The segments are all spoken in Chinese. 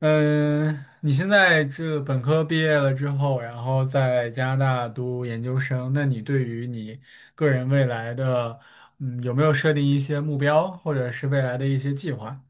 嗯，你现在这本科毕业了之后，然后在加拿大读研究生，那你对于你个人未来的，有没有设定一些目标，或者是未来的一些计划？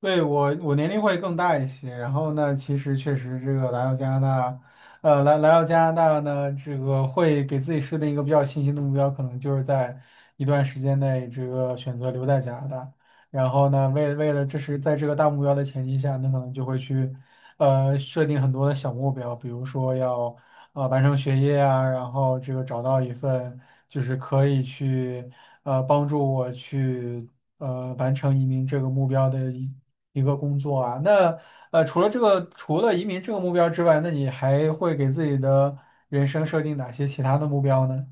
对，我年龄会更大一些。然后呢，其实确实这个来到加拿大，呃，来来到加拿大呢，这个会给自己设定一个比较清晰的目标，可能就是在一段时间内这个选择留在加拿大。然后呢，为了这是在这个大目标的前提下，那可能就会去设定很多的小目标，比如说要完成学业啊，然后这个找到一份就是可以去帮助我去。完成移民这个目标的一。一个工作啊。那除了这个，除了移民这个目标之外，那你还会给自己的人生设定哪些其他的目标呢？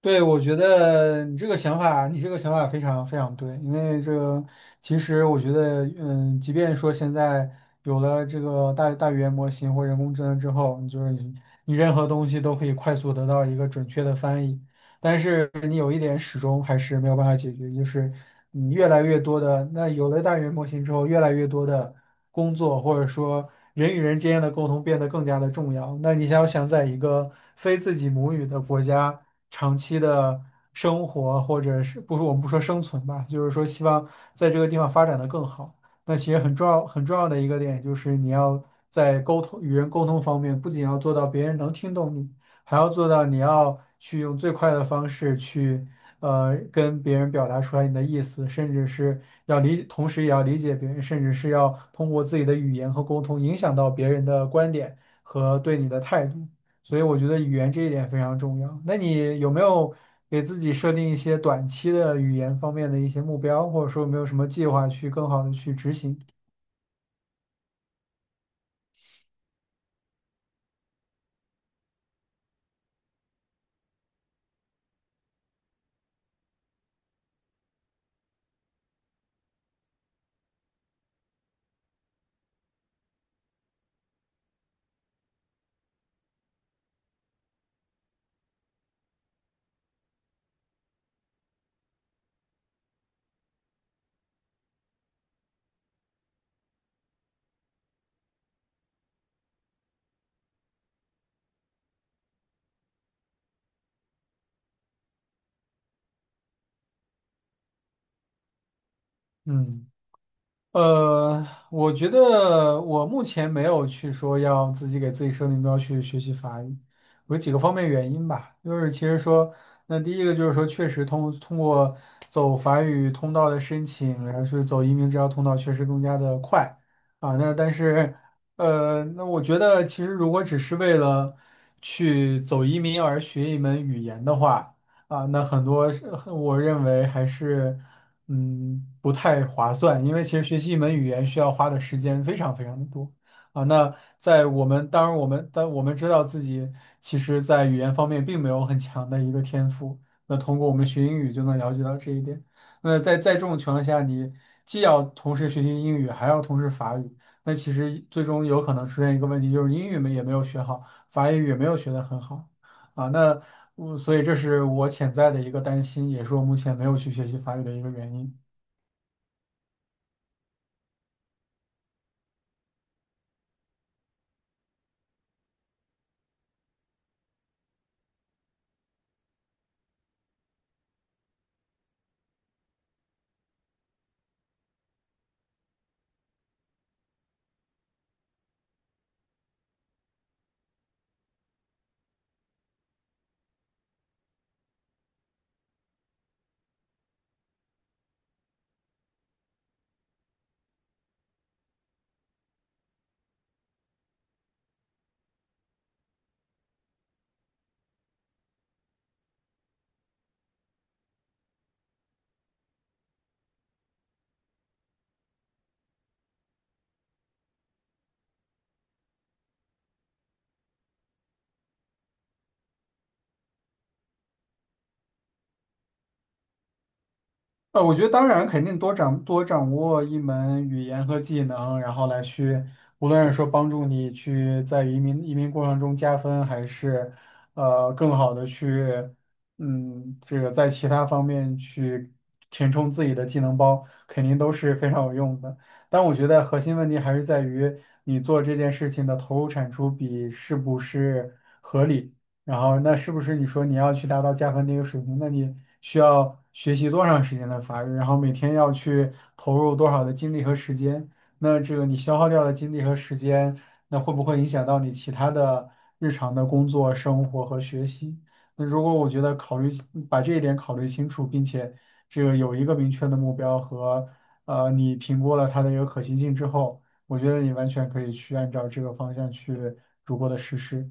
对，我觉得你这个想法，你这个想法非常非常对，因为这个其实我觉得，即便说现在有了这个大语言模型或人工智能之后，你就是你你任何东西都可以快速得到一个准确的翻译。但是你有一点始终还是没有办法解决，就是你越来越多的，那有了大语言模型之后，越来越多的工作或者说人与人之间的沟通变得更加的重要。那你想要想在一个非自己母语的国家长期的生活，或者是不是我们不说生存吧，就是说希望在这个地方发展的更好。那其实很重要很重要的一个点就是你要在沟通与人沟通方面，不仅要做到别人能听懂你。还要做到你要去用最快的方式去，跟别人表达出来你的意思，甚至是要理，同时也要理解别人，甚至是要通过自己的语言和沟通影响到别人的观点和对你的态度。所以我觉得语言这一点非常重要。那你有没有给自己设定一些短期的语言方面的一些目标，或者说有没有什么计划去更好的去执行？嗯。呃，我觉得我目前没有去说要自己给自己设定目标去学习法语，有几个方面原因吧。就是其实说，那第一个就是说，确实通过走法语通道的申请，然后是走移民这条通道，确实更加的快啊。那但是，那我觉得其实如果只是为了去走移民而学一门语言的话，啊，那很多是我认为还是。嗯，不太划算，因为其实学习一门语言需要花的时间非常非常的多啊。那在我们当然我们但我们知道自己其实，在语言方面并没有很强的一个天赋，那通过我们学英语就能了解到这一点。那在这种情况下，你既要同时学习英语，还要同时法语，那其实最终有可能出现一个问题，就是英语没也没有学好，法语也没有学得很好啊。那我所以这是我潜在的一个担心，也是我目前没有去学习法语的一个原因。我觉得当然肯定多掌握一门语言和技能，然后来去，无论是说帮助你去在移民过程中加分，还是更好的去，这个在其他方面去填充自己的技能包，肯定都是非常有用的。但我觉得核心问题还是在于你做这件事情的投入产出比是不是。合理。然后那是不是你说你要去达到加分的一个水平，那你需要学习多长时间的法语，然后每天要去投入多少的精力和时间？那这个你消耗掉的精力和时间，那会不会影响到你其他的日常的工作、生活和学习？那如果我觉得考虑把这一点考虑清楚，并且这个有一个明确的目标和你评估了它的一个可行性之后，我觉得你完全可以去按照这个方向去逐步的实施。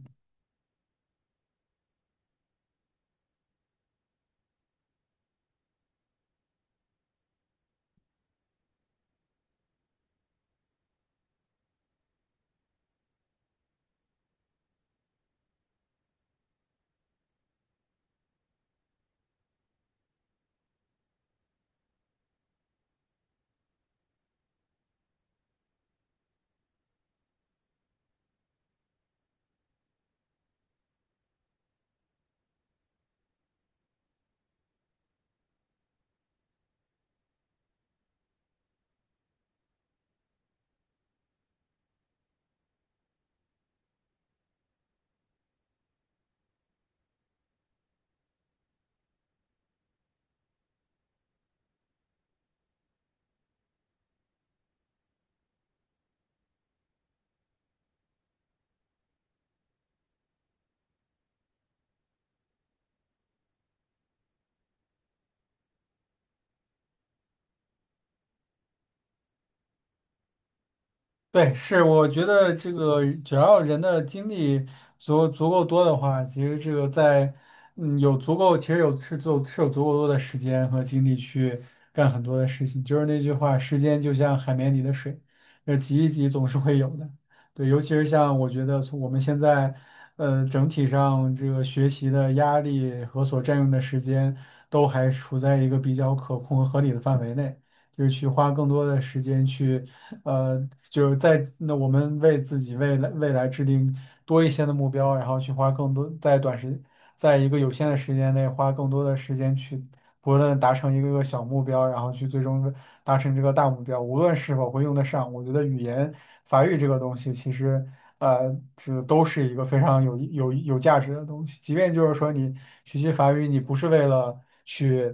对，是，我觉得这个只要人的精力足够多的话，其实这个在嗯有足够，其实有是足是有足够多的时间和精力去干很多的事情。就是那句话，时间就像海绵里的水，挤一挤总是会有的。对，尤其是像我觉得从我们现在整体上这个学习的压力和所占用的时间都还处在一个比较可控和合理的范围内。就是去花更多的时间去呃，就在那我们为自己未来制定多一些的目标，然后去花更多在短时，在一个有限的时间内花更多的时间去，不论达成一个个小目标，然后去最终达成这个大目标，无论是否会用得上，我觉得语言法语这个东西其实。这都是一个非常有价值的东西。即便就是说你学习法语，你不是为了去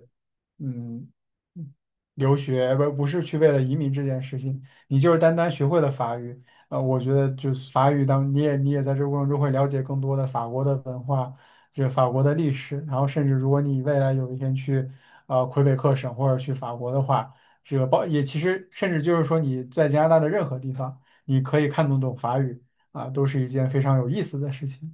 嗯留学，不是去为了移民这件事情，你就是单单学会了法语，我觉得就是法语当你也你也在这个过程中会了解更多的法国的文化，就法国的历史，然后甚至如果你未来有一天去魁北克省或者去法国的话，这个包也其实甚至就是说你在加拿大的任何地方，你可以看得懂法语啊，都是一件非常有意思的事情。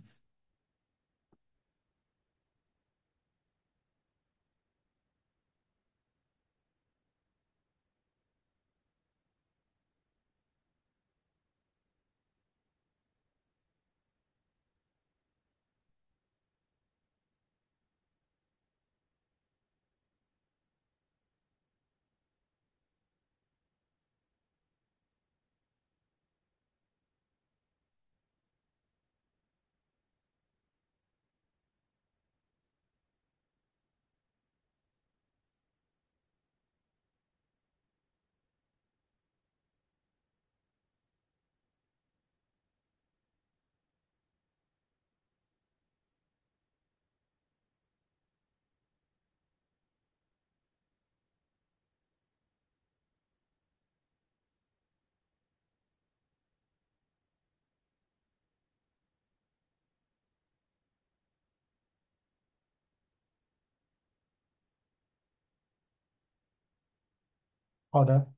好的。